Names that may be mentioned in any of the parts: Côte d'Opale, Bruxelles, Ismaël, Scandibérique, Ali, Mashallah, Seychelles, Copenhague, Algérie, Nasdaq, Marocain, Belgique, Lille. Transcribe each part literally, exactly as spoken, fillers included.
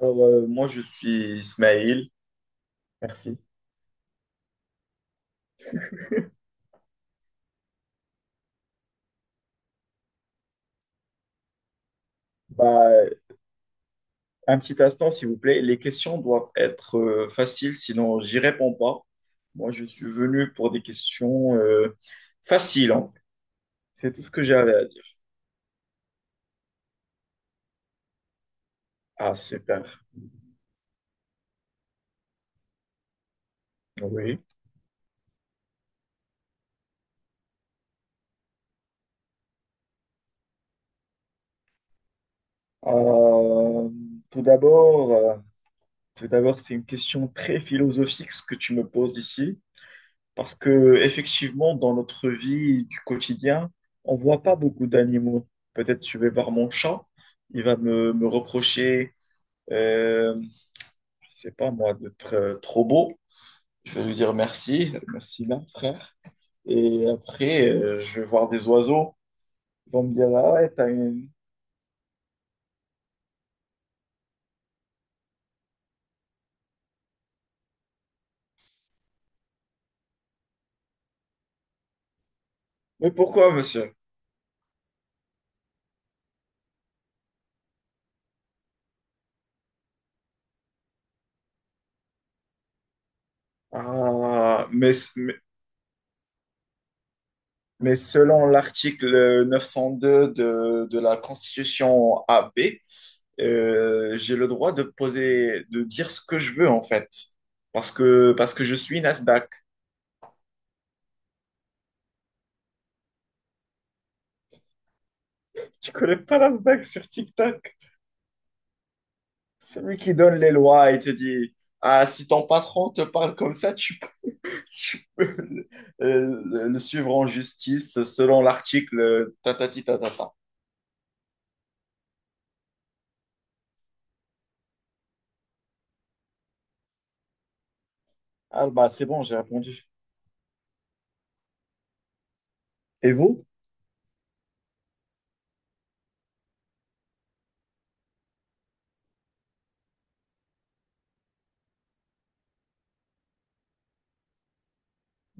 Alors, euh, moi, je suis Ismaël. Merci. Bah, un petit instant, s'il vous plaît. Les questions doivent être euh, faciles, sinon j'y réponds pas. Moi, je suis venu pour des questions euh, faciles, en fait. C'est tout ce que j'avais à dire. Ah, super. Oui. Euh, tout d'abord, euh, tout d'abord, c'est une question très philosophique ce que tu me poses ici. Parce que effectivement, dans notre vie du quotidien, on voit pas beaucoup d'animaux. Peut-être je vais voir mon chat, il va me, me reprocher, euh, je sais pas moi, d'être euh, trop beau. Je vais lui dire merci, merci là, frère. Et après, euh, je vais voir des oiseaux, ils vont me dire, ah ouais, t'as une... Mais pourquoi, monsieur? Ah, mais, mais, mais selon l'article neuf cent deux de, de la Constitution A B, euh, j'ai le droit de poser, de dire ce que je veux en fait, parce que, parce que je suis Nasdaq. Tu connais pas Nasdaq sur TikTok? Celui qui donne les lois et te dit, ah, si ton patron te parle comme ça, tu, peux tu peux le, euh, le suivre en justice selon l'article tatati tatata. Ah bah c'est bon, j'ai répondu. Et vous?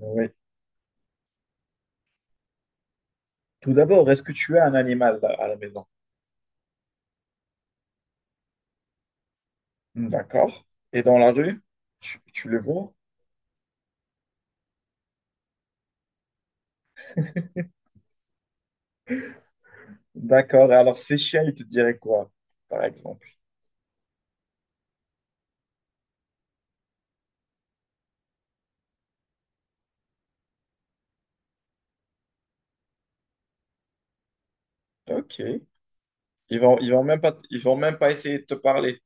Oui. Tout d'abord, est-ce que tu as un animal à la maison? D'accord. Et dans la rue, tu, tu le vois? D'accord. Et alors, Seychelles, ils te diraient quoi, par exemple? Ok. Ils vont, ils vont même pas, ils vont même pas essayer de te parler.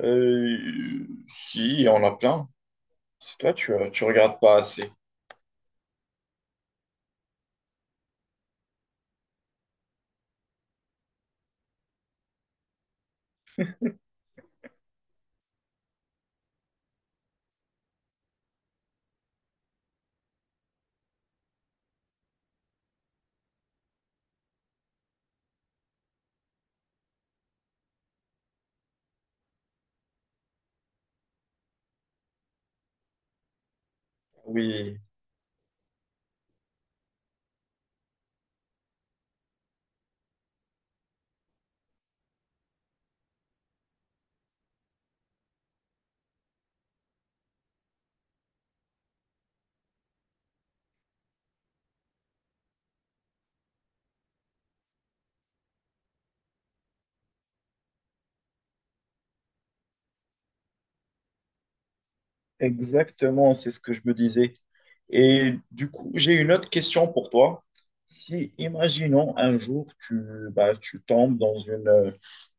Euh, si, il y en a plein. C'est toi, tu, euh, tu regardes pas assez. Oui, exactement, c'est ce que je me disais. Et du coup, j'ai une autre question pour toi. Si, imaginons un jour, tu, bah, tu tombes dans une, euh,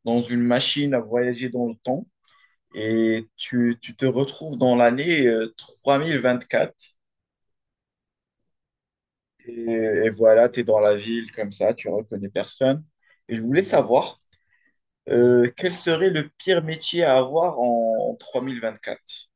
dans une machine à voyager dans le temps et tu, tu te retrouves dans l'année euh, trois mille vingt-quatre. Et, et voilà, tu es dans la ville comme ça, tu reconnais personne. Et je voulais savoir euh, quel serait le pire métier à avoir en trois mille vingt-quatre.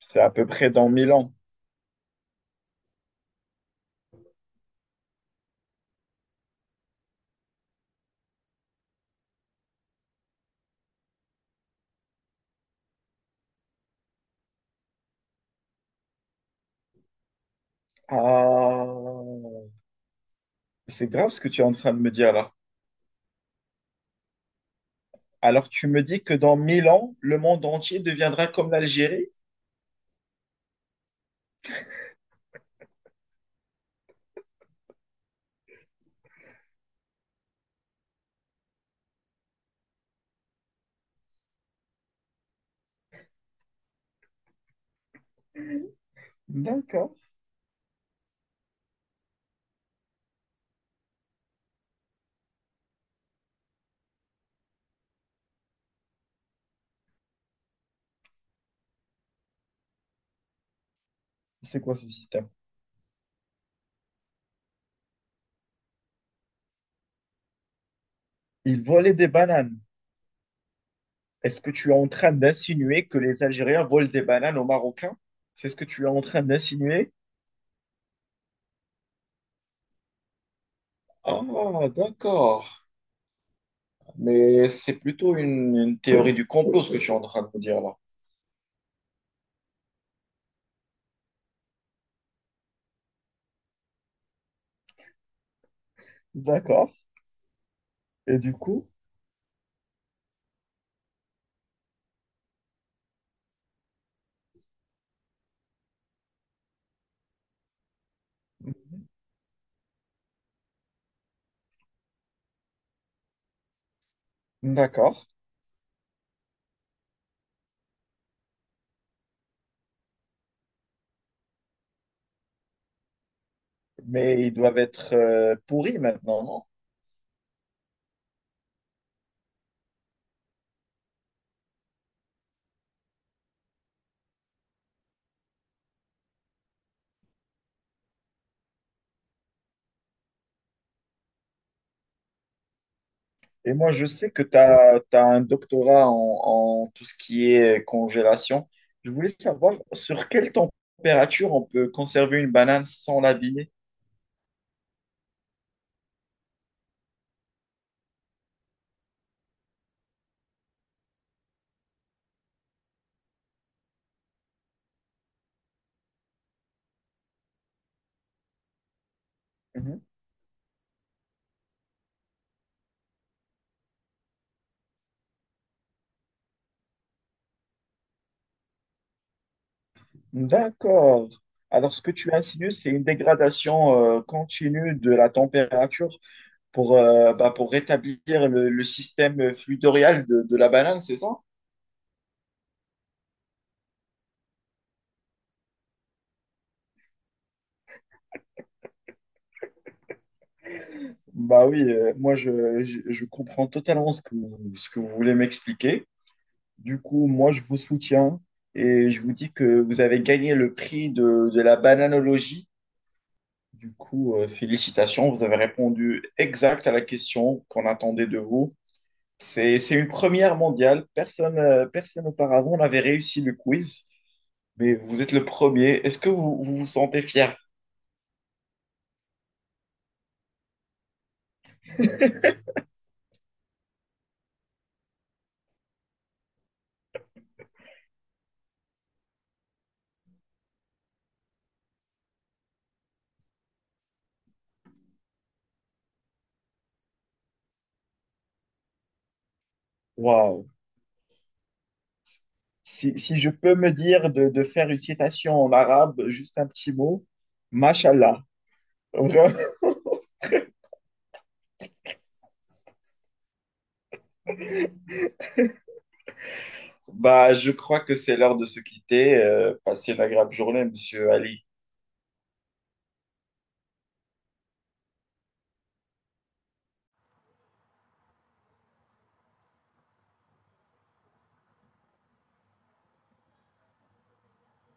C'est à peu près dans mille ans. Ah, c'est grave ce que tu es en train de me dire là. Alors tu me dis que dans mille ans, le monde entier deviendra comme l'Algérie? D'accord. C'est quoi ce système? Ils volaient des bananes. Est-ce que tu es en train d'insinuer que les Algériens volent des bananes aux Marocains? C'est ce que tu es en train d'insinuer? Ah, d'accord. Mais c'est plutôt une, une théorie du complot, ce que tu es en train de me dire là. D'accord. Et du coup, d'accord. Mais ils doivent être euh, pourris maintenant, non? Et moi, je sais que tu as, un doctorat en, en tout ce qui est congélation. Je voulais savoir sur quelle température on peut conserver une banane sans l'abîmer. Mhm. D'accord. Alors, ce que tu insinues, c'est une dégradation euh, continue de la température pour, euh, bah, pour rétablir le, le système fluidorial de, de la banane, c'est ça? Bah oui, euh, moi, je, je, je comprends totalement ce que, vous- ce que vous voulez m'expliquer. Du coup, moi, je vous soutiens et je vous dis que vous avez gagné le prix de, de la bananologie. Du coup, euh, félicitations, vous avez répondu exact à la question qu'on attendait de vous. C'est, c'est une première mondiale. Personne, euh, personne auparavant n'avait réussi le quiz, mais vous êtes le premier. Est-ce que vous vous, vous sentez fier? Waouh. Si, si je peux me dire de, de faire une citation en arabe, juste un petit mot, Mashallah. Bah, je crois que c'est l'heure de se quitter. Euh, passez une agréable journée, monsieur Ali.